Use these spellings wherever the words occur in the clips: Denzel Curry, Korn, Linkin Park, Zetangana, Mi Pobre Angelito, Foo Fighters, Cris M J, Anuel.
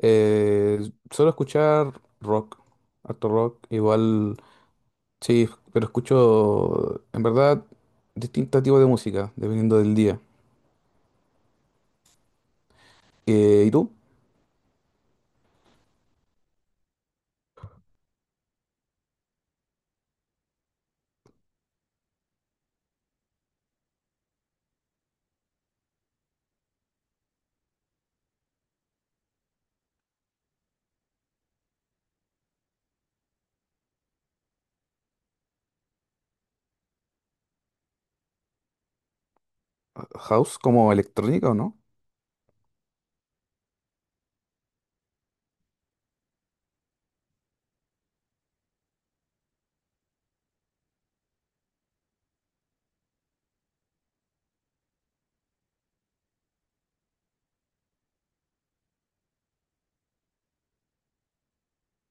Eh, Suelo escuchar rock, harto rock, igual, sí, pero escucho en verdad distintos tipos de música, dependiendo del día. ¿Y tú? ¿House como electrónica o no?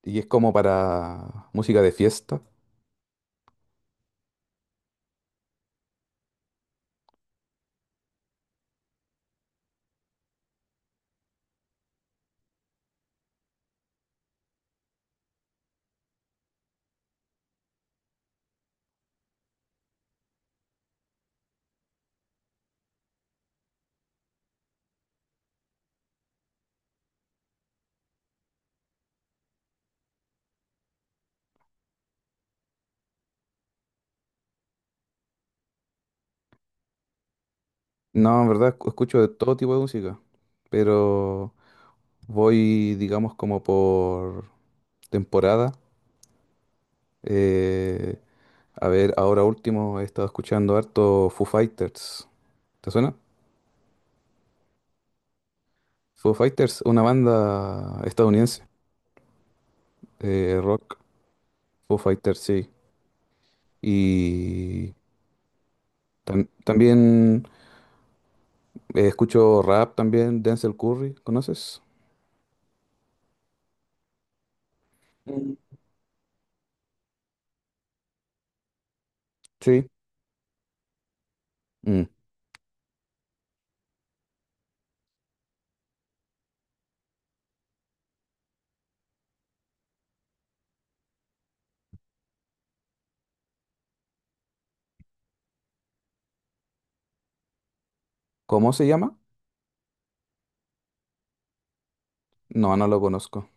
¿Y es como para música de fiesta? No, en verdad escucho de todo tipo de música, pero voy, digamos, como por temporada. Eh, a ver, ahora último he estado escuchando harto Foo Fighters. ¿Te suena? Foo Fighters, una banda estadounidense, rock, Foo Fighters, sí. Y también escucho rap también, Denzel Curry, ¿conoces? Mm. Sí. Mm. ¿Cómo se llama? No, no lo conozco.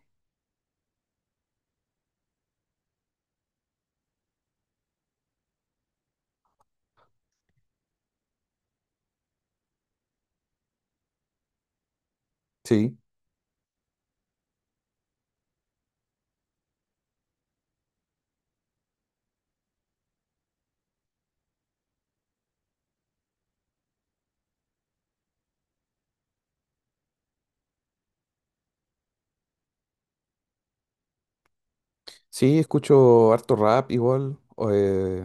Sí, sí, escucho harto rap igual, o,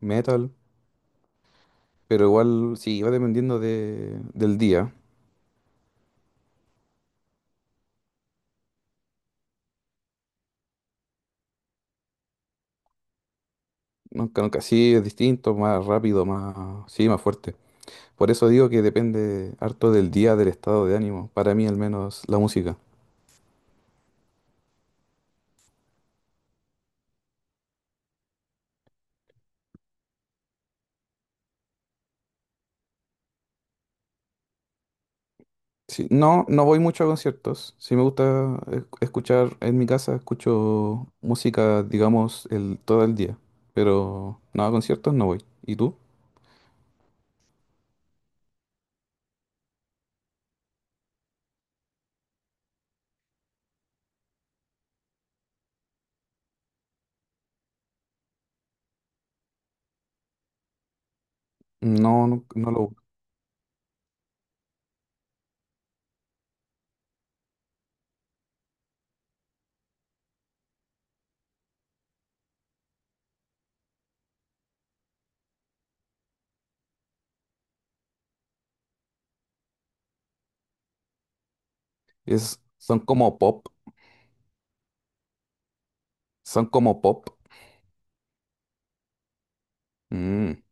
metal, pero igual sí, va dependiendo de, del día. Nunca, nunca, sí, es distinto, más rápido, más, sí, más fuerte. Por eso digo que depende harto del día, del estado de ánimo, para mí al menos la música. Sí, no, no voy mucho a conciertos. Sí me gusta escuchar en mi casa, escucho música, digamos, el, todo el día. Pero no a conciertos no voy. ¿Y tú? No, no, no lo busco. Es, son como pop, son como pop. Mm,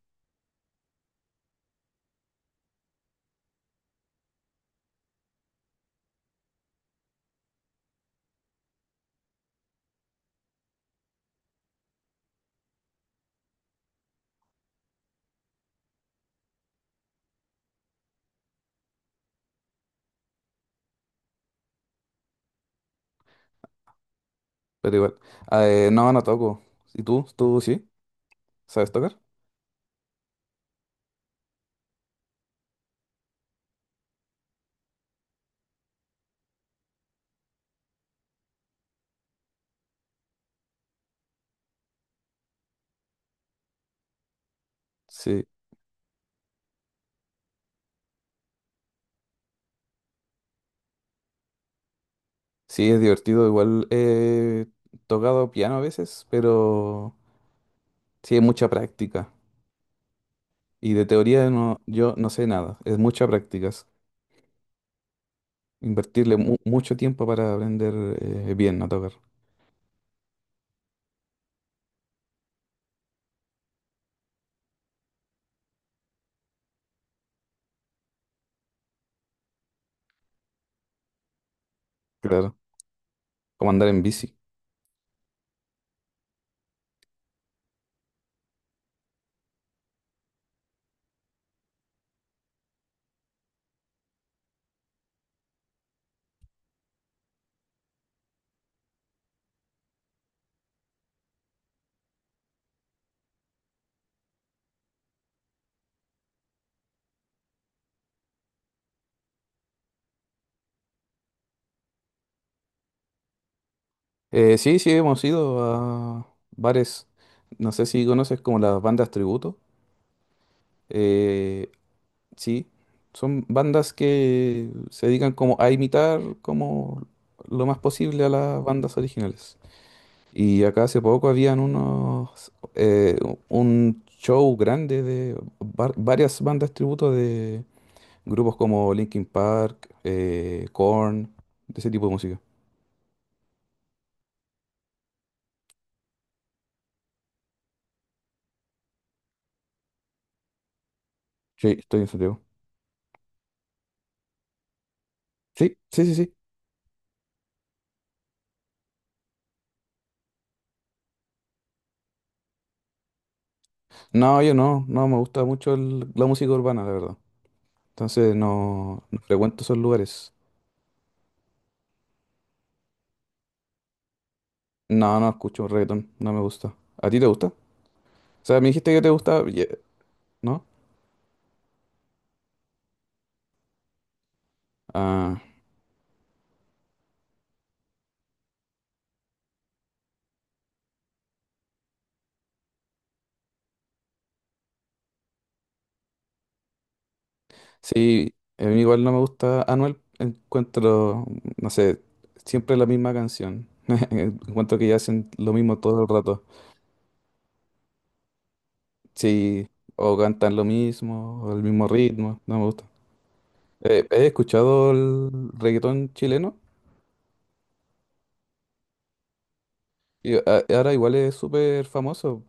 pero igual. Ah, no, no toco. ¿Y tú? ¿Tú sí? ¿Sabes tocar? Sí, sí, es divertido. Igual he tocado piano a veces, pero sí, es mucha práctica. Y de teoría no, yo no sé nada. Es mucha práctica. Es invertirle mucho tiempo para aprender bien a tocar. Claro. Como andar en bici. Sí, sí, hemos ido a bares. No sé si conoces como las bandas tributo. Eh, sí, son bandas que se dedican como a imitar como lo más posible a las bandas originales. Y acá hace poco habían unos, un show grande de varias bandas tributo de grupos como Linkin Park, Korn, de ese tipo de música. Sí, estoy en Santiago. Sí, sí, sí, sí. No, yo no, no me gusta mucho la música urbana, la verdad. Entonces no, no frecuento esos lugares. No, no escucho reggaetón, no me gusta. ¿A ti te gusta? O sea, me dijiste que te gusta, ye- ¿no? Ah, sí, a mí igual no me gusta Anuel, encuentro, no sé, siempre la misma canción. Encuentro que ya hacen lo mismo todo el rato. Sí, o cantan lo mismo, o el mismo ritmo, no me gusta. He escuchado el reggaetón chileno y ahora igual es súper famoso.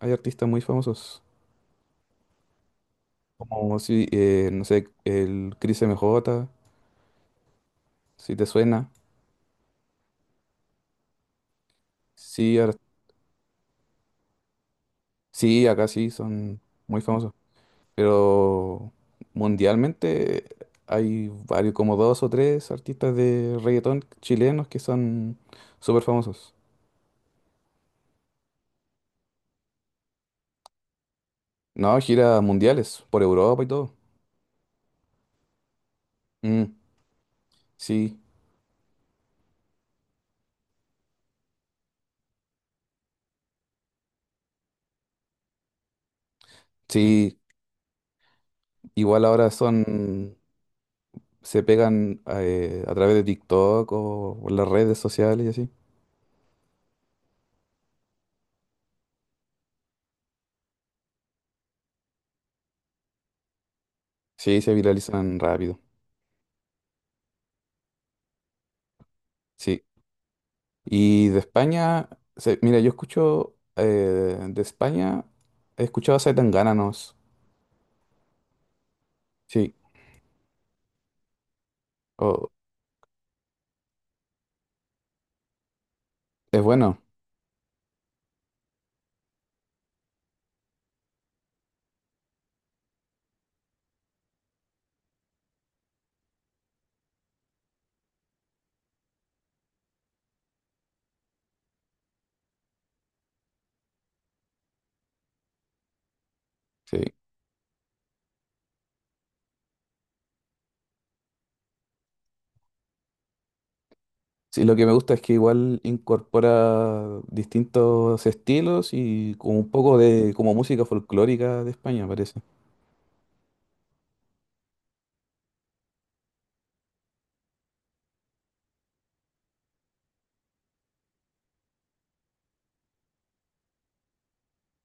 Hay artistas muy famosos, como si, no sé, el Cris MJ, si te suena. Sí, ahora- sí, acá sí son muy famosos. Pero mundialmente hay varios, como dos o tres artistas de reggaetón chilenos que son súper famosos. No, giras mundiales por Europa y todo. Mm, sí, sí. Igual ahora son, se pegan a través de TikTok o por las redes sociales y así. Sí, se viralizan rápido. Sí. Y de España, se- mira, yo escucho de España, he escuchado a Zetangana, ¿no? Sí. O, es bueno, sí. Sí, lo que me gusta es que igual incorpora distintos estilos y como un poco de como música folclórica de España, parece.